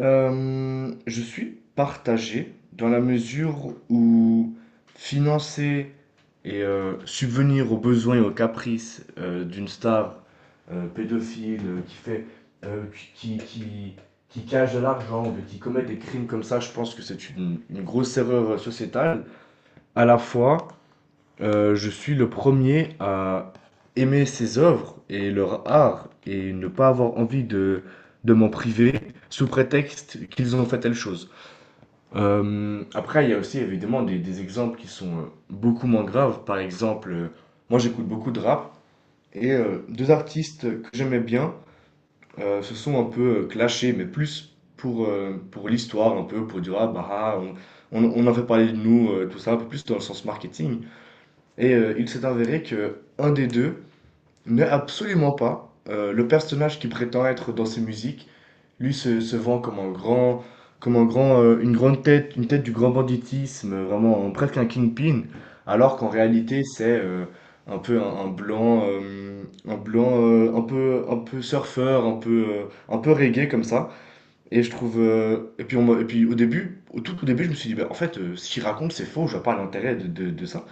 Je suis partagé dans la mesure où financer et subvenir aux besoins et aux caprices d'une star pédophile qui fait euh, qui, qui, qui- qui cache de l'argent, ou qui commet des crimes comme ça, je pense que c'est une grosse erreur sociétale. À la fois, je suis le premier à aimer ces œuvres et leur art et ne pas avoir envie de m'en priver sous prétexte qu'ils ont fait telle chose. Après, il y a aussi évidemment des exemples qui sont beaucoup moins graves. Par exemple, moi j'écoute beaucoup de rap et deux artistes que j'aimais bien se sont un peu clashés, mais plus pour l'histoire, un peu pour dire ah bah ah, on, on en fait parler de nous, tout ça, un peu plus dans le sens marketing. Et il s'est avéré que un des deux n'est absolument pas le personnage qui prétend être dans ses musiques. Lui se vend comme un grand, une grande tête, une tête du grand banditisme, vraiment presque un kingpin, alors qu'en réalité c'est un peu un blanc, un blanc, un peu surfeur, un peu reggae comme ça. Et je trouve, et puis et puis au début, au tout, au début, je me suis dit, bah, en fait, ce qu'il raconte c'est faux, je vois pas l'intérêt de, de ça.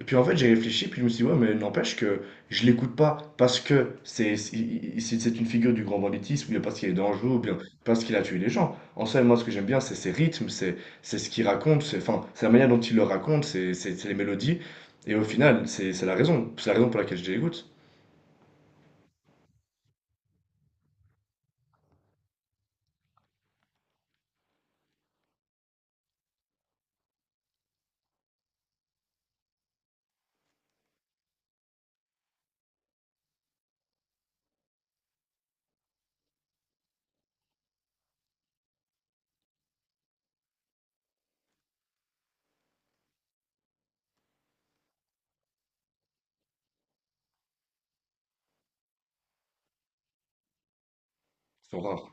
Et puis en fait, j'ai réfléchi, puis je me suis dit, ouais, mais n'empêche que je l'écoute pas parce que c'est une figure du grand banditisme, ou bien parce qu'il est dangereux, ou bien parce qu'il a tué les gens. En soi, moi, ce que j'aime bien, c'est ses rythmes, c'est ce qu'il raconte, c'est enfin, c'est la manière dont il le raconte, c'est les mélodies. Et au final, c'est la raison pour laquelle je l'écoute. C'est rare.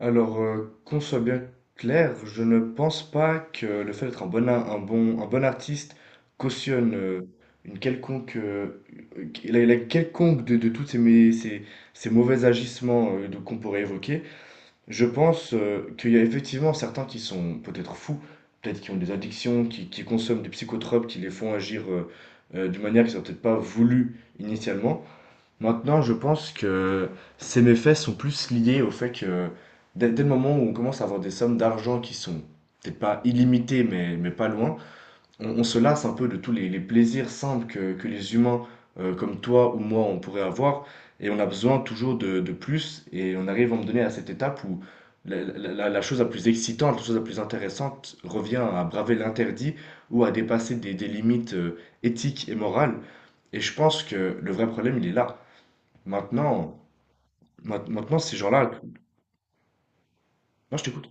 Alors, qu'on soit bien clair, je ne pense pas que le fait d'être un bon, un bon, un bon artiste cautionne une quelconque, la, la quelconque de toutes ces, ces, ces mauvais agissements qu'on pourrait évoquer. Je pense qu'il y a effectivement certains qui sont peut-être fous, peut-être qui ont des addictions, qui consomment des psychotropes, qui les font agir d'une manière qu'ils n'ont peut-être pas voulu initialement. Maintenant, je pense que ces méfaits sont plus liés au fait que dès le moment où on commence à avoir des sommes d'argent qui sont peut-être pas illimitées, mais pas loin, on se lasse un peu de tous les plaisirs simples que les humains comme toi ou moi on pourrait avoir, et on a besoin toujours de plus, et on arrive à me donner à cette étape où la, la chose la plus excitante, la chose la plus intéressante revient à braver l'interdit ou à dépasser des limites éthiques et morales. Et je pense que le vrai problème, il est là. Maintenant, maintenant ces gens-là, moi je t'écoute.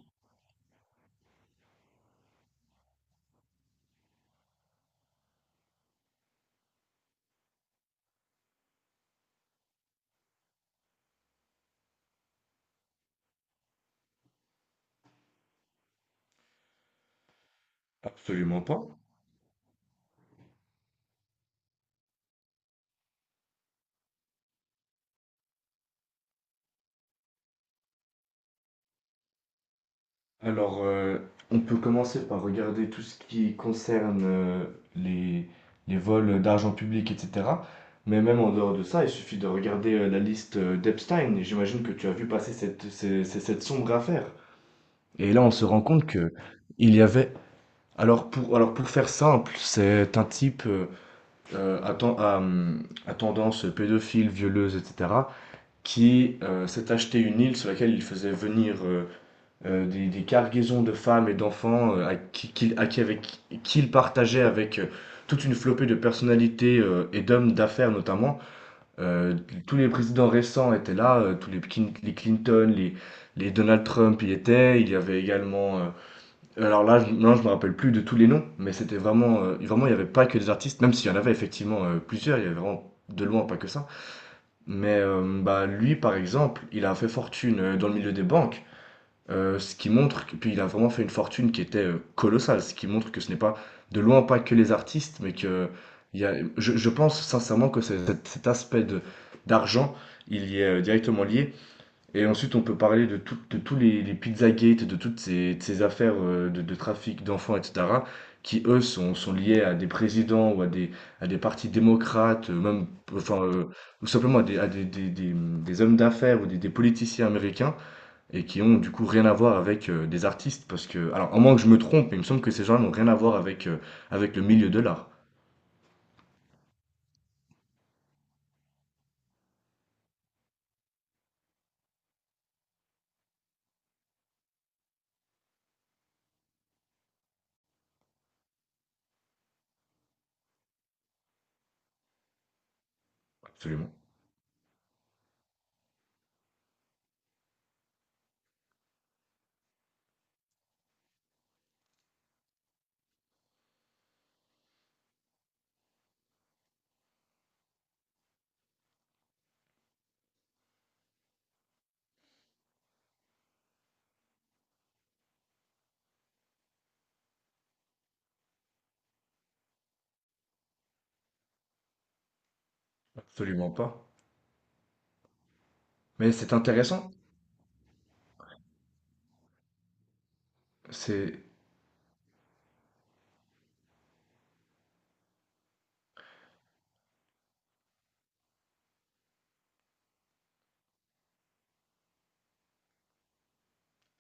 Absolument pas. Alors, on peut commencer par regarder tout ce qui concerne les, les vols d'argent public, etc. Mais même en dehors de ça, il suffit de regarder la liste d'Epstein. Et j'imagine que tu as vu passer cette, cette sombre affaire. Et là, on se rend compte que il y avait. Alors pour faire simple, c'est un type à, à tendance pédophile, violeuse, etc qui s'est acheté une île sur laquelle il faisait venir des cargaisons de femmes et d'enfants à qui, à qui avec, qui il partageait avec toute une flopée de personnalités et d'hommes d'affaires notamment. Euh, Tous les présidents récents étaient là, tous les, les Clinton, les Donald Trump y étaient, il y avait également… alors là, je, non, je me rappelle plus de tous les noms, mais c'était vraiment… vraiment, il n'y avait pas que des artistes, même s'il y en avait effectivement plusieurs, il y avait vraiment de loin pas que ça. Mais bah, lui, par exemple, il a fait fortune dans le milieu des banques, ce qui montre que, puis il a vraiment fait une fortune qui était colossale, ce qui montre que ce n'est pas de loin pas que les artistes, mais que il y a, je pense sincèrement que cet, cet aspect de d'argent, il y est directement lié. Et ensuite, on peut parler de, de tous les Pizzagate, de toutes ces, de ces affaires de trafic d'enfants, etc., qui, eux, sont, sont liés à des présidents ou à des partis démocrates, même, enfin, ou simplement à des, des hommes d'affaires ou des politiciens américains, et qui ont du coup rien à voir avec des artistes, parce que, alors, à moins que je me trompe, mais il me semble que ces gens-là n'ont rien à voir avec, avec le milieu de l'art. Absolument, absolument pas. Mais c'est intéressant. C'est,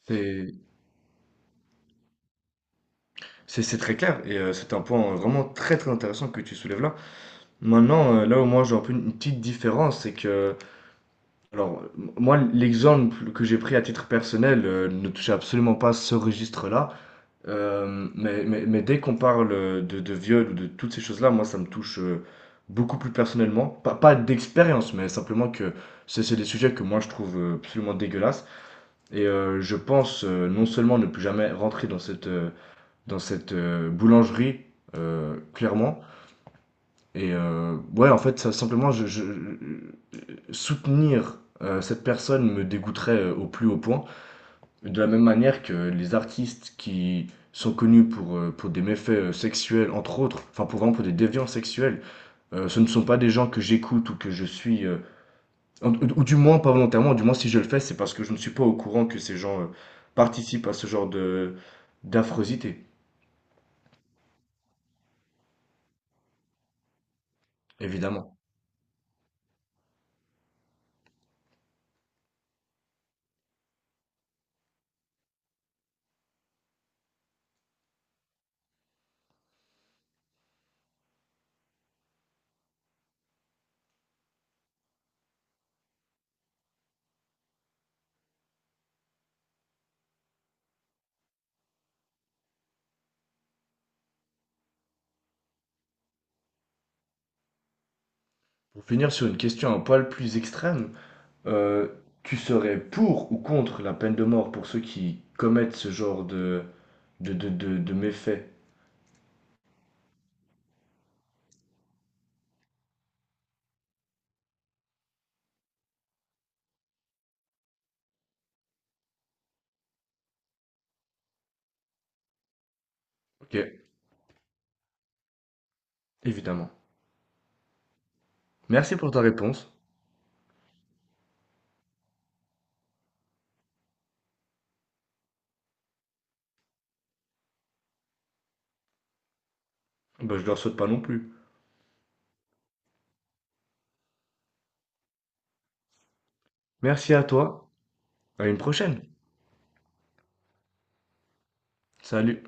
c'est, C'est très clair et c'est un point vraiment très très intéressant que tu soulèves là. Maintenant, là où moi j'ai un peu une petite différence, c'est que, alors, moi l'exemple que j'ai pris à titre personnel ne touchait absolument pas ce registre-là. Mais dès qu'on parle de viol ou de toutes ces choses-là, moi ça me touche beaucoup plus personnellement. Pas d'expérience, mais simplement que c'est des sujets que moi je trouve absolument dégueulasses et je pense non seulement ne plus jamais rentrer dans cette… dans cette boulangerie, clairement. Et ouais, en fait, ça, simplement, soutenir cette personne me dégoûterait au plus haut point. De la même manière que les artistes qui sont connus pour des méfaits sexuels, entre autres, enfin pour vraiment pour des déviants sexuels, ce ne sont pas des gens que j'écoute ou que je suis, ou du moins pas volontairement, du moins si je le fais, c'est parce que je ne suis pas au courant que ces gens participent à ce genre de d'affreusité, évidemment. Pour finir sur une question un poil plus extrême, euh, tu serais pour ou contre la peine de mort pour ceux qui commettent ce genre de, de méfaits? Ok, évidemment. Merci pour ta réponse. Bah, je leur souhaite pas non plus. Merci à toi. À une prochaine. Salut.